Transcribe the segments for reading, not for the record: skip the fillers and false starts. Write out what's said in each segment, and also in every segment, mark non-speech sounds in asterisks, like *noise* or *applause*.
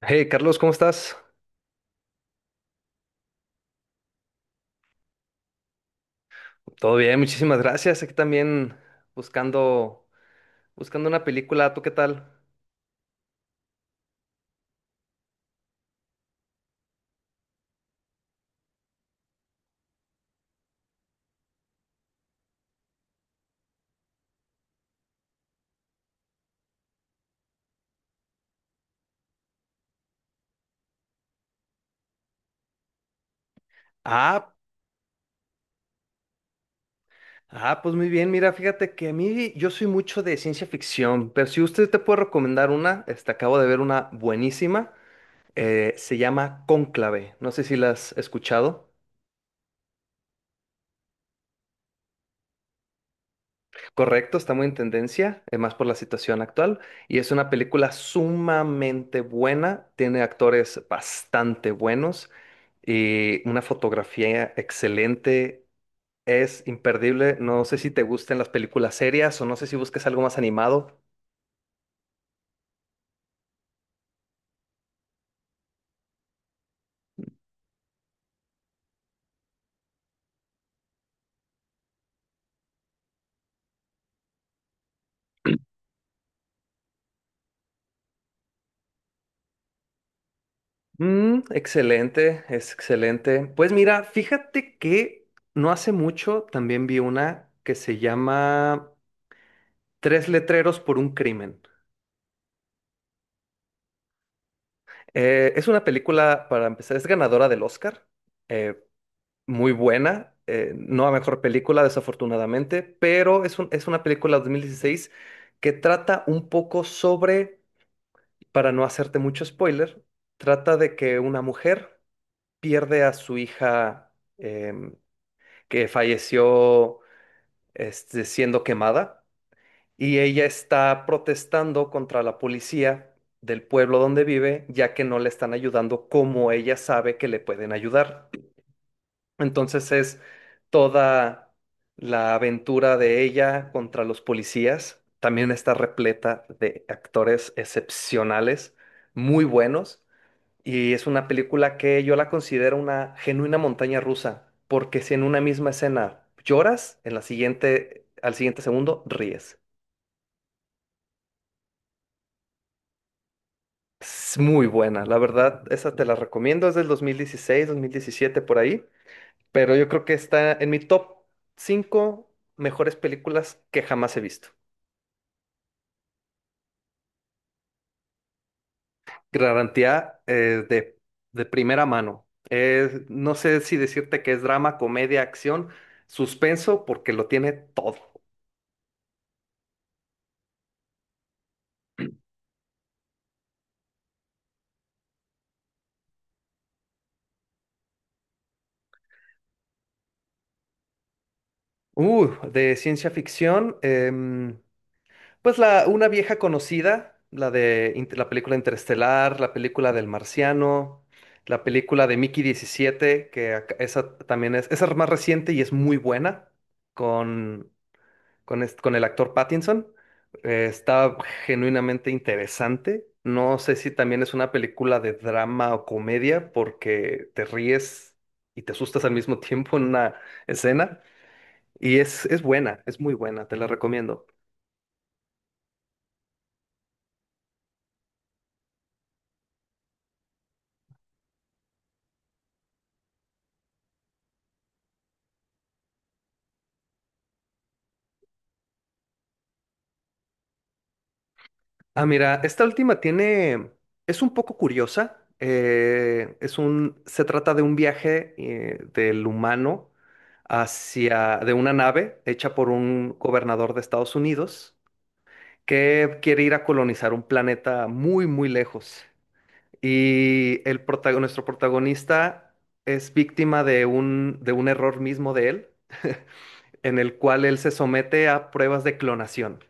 Hey Carlos, ¿cómo estás? Todo bien, muchísimas gracias. Aquí también buscando, buscando una película. ¿Tú qué tal? Ah, pues muy bien. Mira, fíjate que a mí yo soy mucho de ciencia ficción, pero si usted te puede recomendar una, acabo de ver una buenísima. Se llama Cónclave. No sé si la has escuchado. Correcto, está muy en tendencia, más por la situación actual, y es una película sumamente buena, tiene actores bastante buenos y una fotografía excelente, es imperdible, no sé si te gusten las películas serias o no sé si busques algo más animado. *clears throat* Mm, excelente, es excelente. Pues mira, fíjate que no hace mucho también vi una que se llama Tres letreros por un crimen. Es una película, para empezar, es ganadora del Oscar, eh, muy buena, no a mejor película desafortunadamente, pero es una película de dieciséis que trata un poco sobre, para no hacerte mucho spoiler, trata de que una mujer pierde a su hija em, que falleció siendo quemada y ella está protestando contra la policía del pueblo donde vive, ya que no le están ayudando como ella sabe que le pueden ayudar. Entonces es toda la aventura de ella contra los policías. También está repleta de actores excepcionales, muy buenos. Y es una película que yo la considero una genuina montaña rusa, porque si en una misma escena lloras, en la siguiente, al siguiente segundo ríes. Es muy buena, la verdad, esa te la recomiendo, es del 2016, 2017 por ahí, pero yo creo que está en mi top 5 mejores películas que jamás he visto. Garantía de primera mano. No sé si decirte que es drama, comedia, acción, suspenso, porque lo tiene todo. De ciencia ficción, em, pues una vieja conocida, la película Interestelar, la película del Marciano, la película de Mickey 17, esa también es, esa es más reciente y es muy buena, con, con, con el actor Pattinson. Está genuinamente interesante. No sé si también es una película de drama o comedia, porque te ríes y te asustas al mismo *laughs* tiempo en una escena. Y es buena, es muy buena, te la recomiendo. Ah, mira, esta última tiene, es un poco curiosa. Es un, se trata de un viaje del humano hacia, de una nave hecha por un gobernador de Estados Unidos que quiere ir a colonizar un planeta muy, muy lejos. Y el nuestro protagonista es víctima de un error mismo de él, *laughs* en el cual él se somete a pruebas de clonación.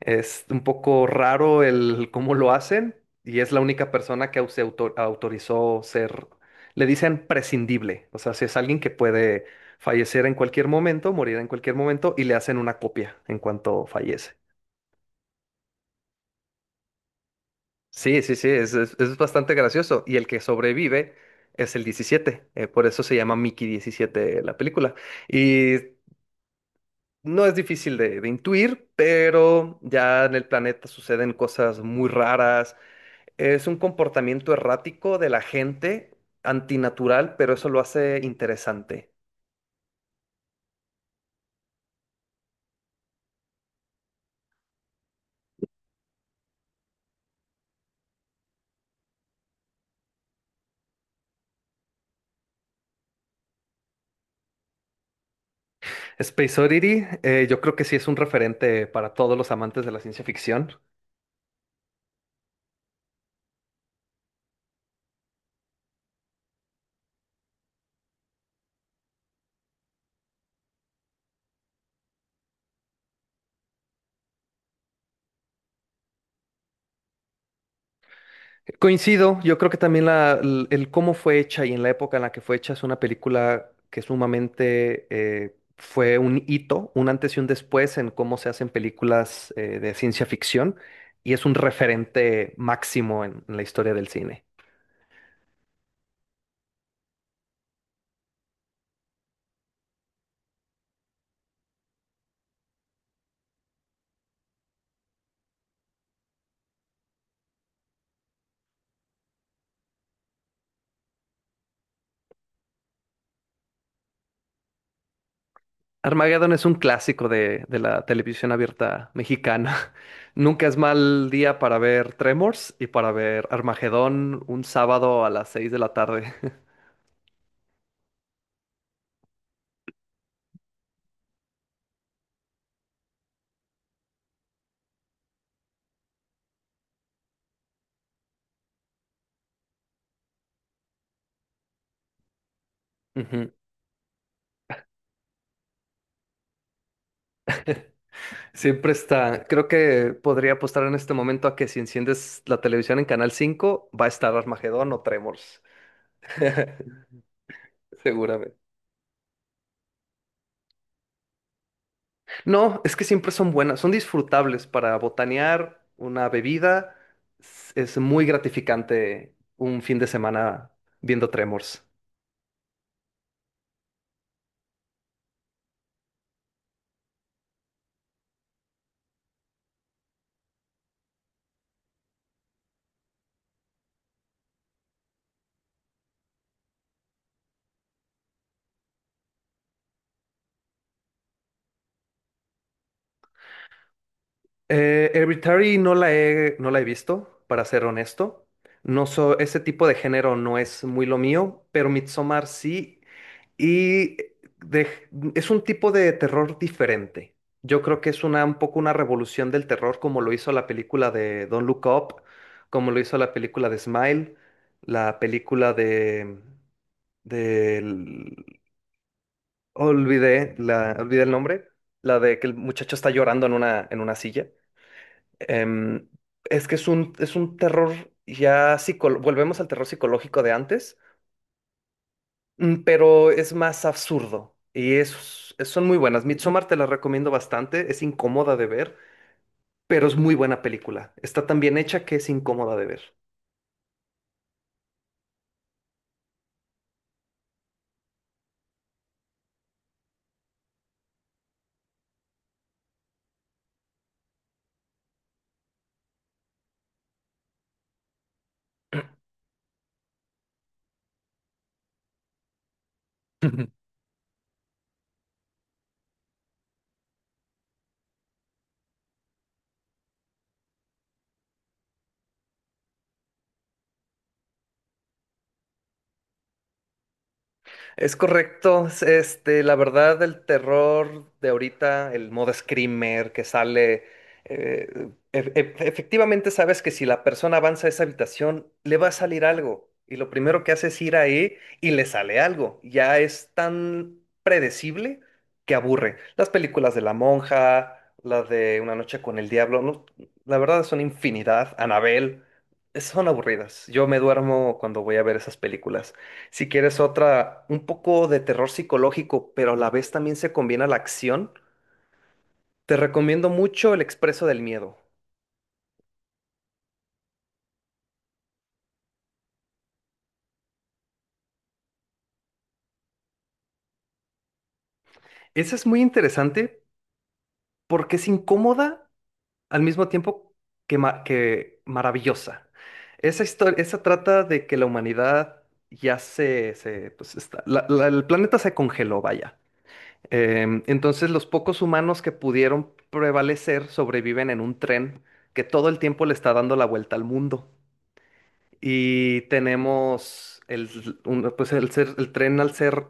Es un poco raro el cómo lo hacen y es la única persona que autorizó ser, le dicen prescindible, o sea, si es alguien que puede fallecer en cualquier momento, morir en cualquier momento y le hacen una copia en cuanto fallece. Sí, sí, sí, es, es bastante gracioso y el que sobrevive es el 17 por eso se llama Mickey diecisiete la película. Y no es difícil de intuir, pero ya en el planeta suceden cosas muy raras. Es un comportamiento errático de la gente, antinatural, pero eso lo hace interesante. Space Oddity, yo creo que sí es un referente para todos los amantes de la ciencia ficción. Coincido, yo creo que también el cómo fue hecha y en la época en la que fue hecha es una película que sumamente fue un hito, un antes y un después en cómo se hacen películas de ciencia ficción y es un referente máximo en la historia del cine. Armageddon es un clásico de la televisión abierta mexicana. *laughs* Nunca es mal día para ver Tremors y para ver Armagedón un sábado a las 6 de la tarde. *laughs* Ujú. Siempre está. Creo que podría apostar en este momento a que si enciendes la televisión en Canal 5 va a estar Armagedón o Tremors. *laughs* Seguramente. No, es que siempre son buenas, son disfrutables para botanear una bebida. Es muy gratificante un fin de semana viendo Tremors. Hereditary no la he visto, para ser honesto. No so, ese tipo de género no es muy lo mío, pero Midsommar sí. Y de- es un tipo de terror diferente. Yo creo que es una, un poco una revolución del terror, como lo hizo la película de Don't Look Up, como lo hizo la película de Smile, la película de, del- olvidé, olvidé el nombre, la de que el muchacho está llorando en una silla. Em, es que es un terror ya psicológico, volvemos al terror psicológico de antes, pero es más absurdo y es, son muy buenas. Midsommar te la recomiendo bastante, es incómoda de ver, pero es muy buena película. Está tan bien hecha que es incómoda de ver. *laughs* Es correcto, este, la verdad, el terror de ahorita, el modo screamer que sale, eh, efectivamente sabes que si la persona avanza a esa habitación, le va a salir algo. Y lo primero que hace es ir ahí y le sale algo. Ya es tan predecible que aburre. Las películas de La Monja, las de Una Noche con el Diablo, no, la verdad son infinidad. Anabel, son aburridas. Yo me duermo cuando voy a ver esas películas. Si quieres otra, un poco de terror psicológico, pero a la vez también se combina la acción, te recomiendo mucho El Expreso del Miedo. Esa es muy interesante porque es incómoda al mismo tiempo que, que maravillosa. Esa historia, esa trata de que la humanidad ya se pues está, el planeta se congeló, vaya. Entonces los pocos humanos que pudieron prevalecer sobreviven en un tren que todo el tiempo le está dando la vuelta al mundo. Y tenemos pues el tren al ser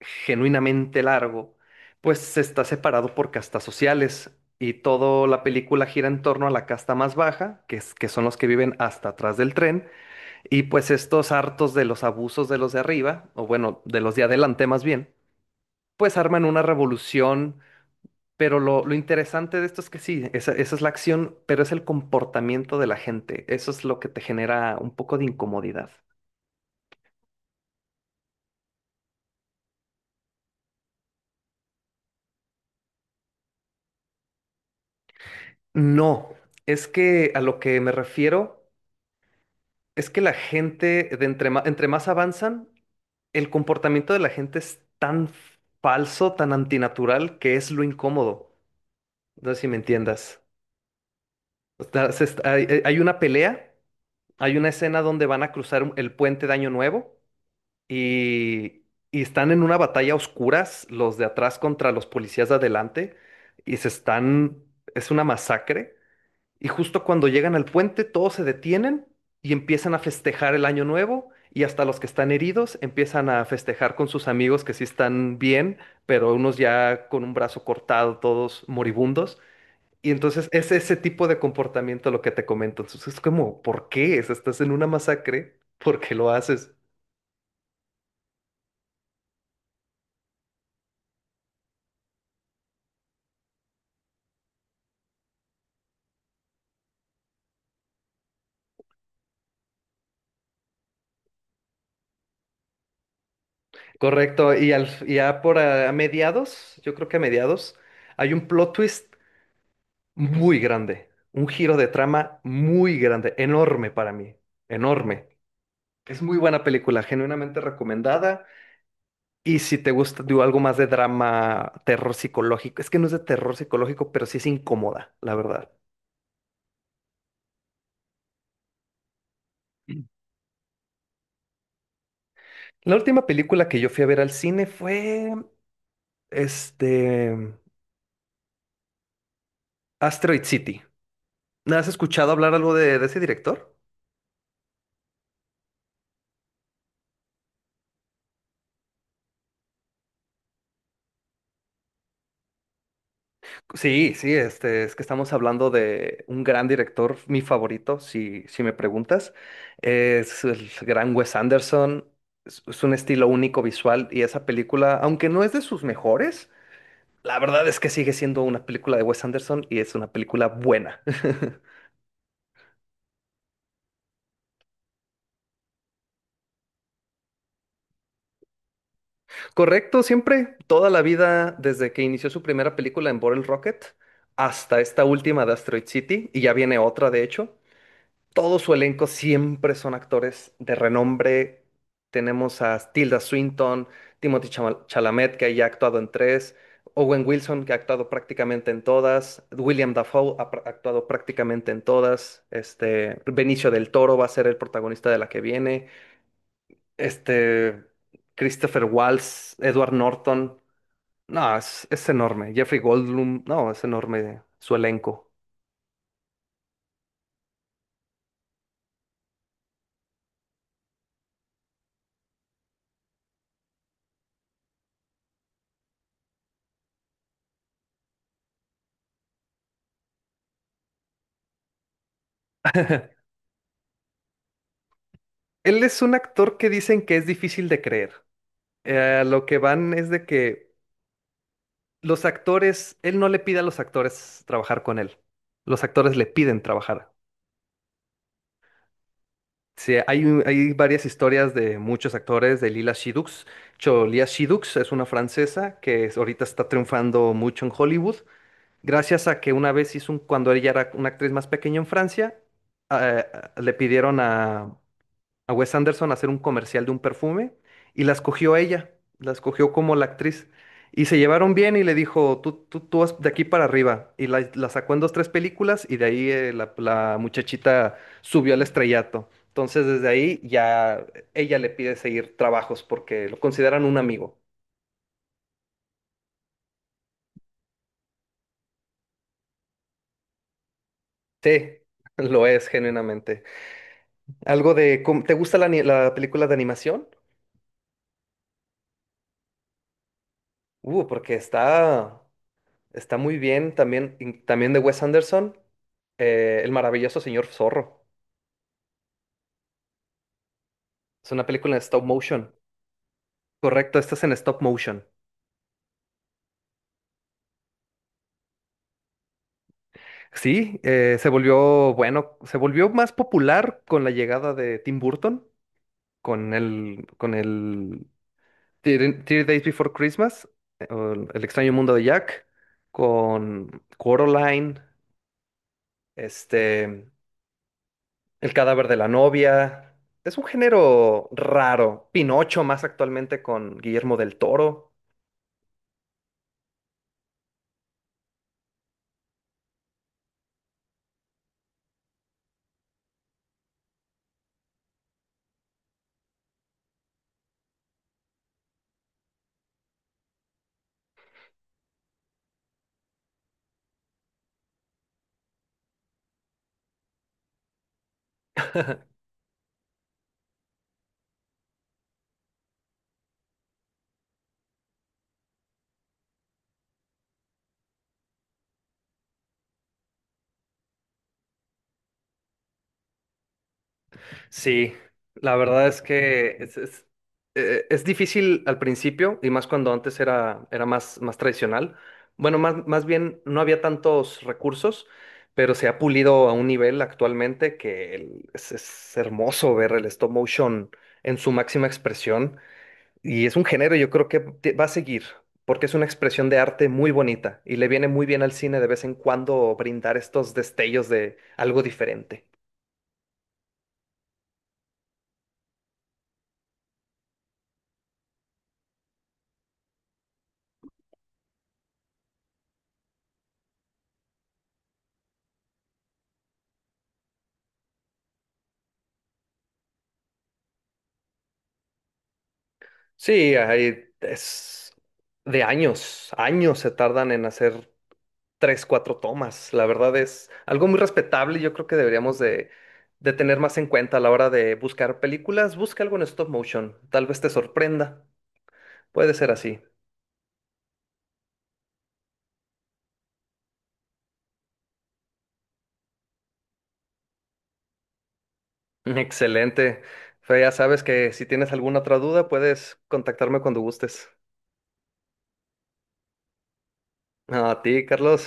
genuinamente largo, pues se está separado por castas sociales y toda la película gira en torno a la casta más baja, que son los que viven hasta atrás del tren, y pues estos hartos de los abusos de los de arriba, o bueno, de los de adelante más bien, pues arman una revolución, pero lo interesante de esto es que sí, esa es la acción, pero es el comportamiento de la gente, eso es lo que te genera un poco de incomodidad. No, es que a lo que me refiero es que la gente, de entre más avanzan, el comportamiento de la gente es tan falso, tan antinatural, que es lo incómodo. No sé si me entiendas. O sea, se est- hay- hay una pelea, hay una escena donde van a cruzar el puente de Año Nuevo y, y están en una batalla a oscuras, los de atrás contra los policías de adelante, y es una masacre. Y justo cuando llegan al puente, todos se detienen y empiezan a festejar el año nuevo. Y hasta los que están heridos empiezan a festejar con sus amigos que sí están bien, pero unos ya con un brazo cortado, todos moribundos. Y entonces es ese tipo de comportamiento lo que te comento. Entonces es como, ¿por qué? Si estás en una masacre, ¿por qué lo haces? Correcto. Y al, y ya por a mediados, yo creo que a mediados, hay un plot twist muy grande, un giro de trama muy grande, enorme para mí, enorme. Es muy buena película, genuinamente recomendada. Y si te gusta, digo, algo más de drama, terror psicológico, es que no es de terror psicológico, pero sí es incómoda, la verdad. Mm. La última película que yo fui a ver al cine fue, este, Asteroid City. ¿No? ¿Has escuchado hablar algo de ese director? Sí, sí, es que estamos hablando de un gran director, mi favorito, si me preguntas. Es el gran Wes Anderson, es un estilo único visual y esa película, aunque no es de sus mejores, la verdad es que sigue siendo una película de Wes Anderson y es una película buena. *laughs* Correcto, siempre, toda la vida, desde que inició su primera película en Bottle Rocket hasta esta última de Asteroid City, y ya viene otra, de hecho. Todo su elenco siempre son actores de renombre. Tenemos a Tilda Swinton, Chalamet, que ya ha actuado en tres, Owen Wilson, que ha actuado prácticamente en todas, William Dafoe actuado prácticamente en todas, Benicio del Toro va a ser el protagonista de la que viene, este, Christopher Waltz, Edward Norton. No, es enorme. Jeffrey Goldblum, no, es enorme su elenco. Él es un actor que dicen que es difícil de creer. Lo que van es de que los actores, él no le pide a los actores trabajar con él. Los actores le piden trabajar. Sí, hay, hay varias historias de muchos actores, de Lila Shidux. Cholia Shidux es una francesa que ahorita está triunfando mucho en Hollywood, gracias a que una vez hizo un, cuando ella era una actriz más pequeña en Francia, eh, le pidieron a Wes Anderson a hacer un comercial de un perfume y la escogió a ella, la escogió como la actriz. Y se llevaron bien y le dijo, tú vas de aquí para arriba. Y la sacó en dos, tres películas y de ahí la muchachita subió al estrellato. Entonces desde ahí ya ella le pide seguir trabajos porque lo consideran un amigo. Sí, *laughs* lo es genuinamente. Algo de, ¿te gusta la película de animación? Uh, porque está, Está muy bien también, también de Wes Anderson, El maravilloso señor Zorro. Es una película en stop motion. Correcto, esta es en stop motion. Sí, se volvió, bueno, se volvió más popular con la llegada de Tim Burton, con con el Three Days Before Christmas, o El extraño mundo de Jack, con Coraline, este, El cadáver de la novia. Es un género raro. Pinocho más actualmente con Guillermo del Toro. Sí, la verdad es que es, es difícil al principio y más cuando antes era, era más, más tradicional. Bueno, más, más bien no había tantos recursos, pero se ha pulido a un nivel actualmente que es hermoso ver el stop motion en su máxima expresión. Y es un género, yo creo que va a seguir, porque es una expresión de arte muy bonita y le viene muy bien al cine de vez en cuando brindar estos destellos de algo diferente. Sí, hay, es de años, años se tardan en hacer tres, cuatro tomas. La verdad es algo muy respetable y yo creo que deberíamos de tener más en cuenta a la hora de buscar películas. Busca algo en stop motion, tal vez te sorprenda. Puede ser así. Excelente. Fe, ya sabes que si tienes alguna otra duda, puedes contactarme cuando gustes. A ti, Carlos.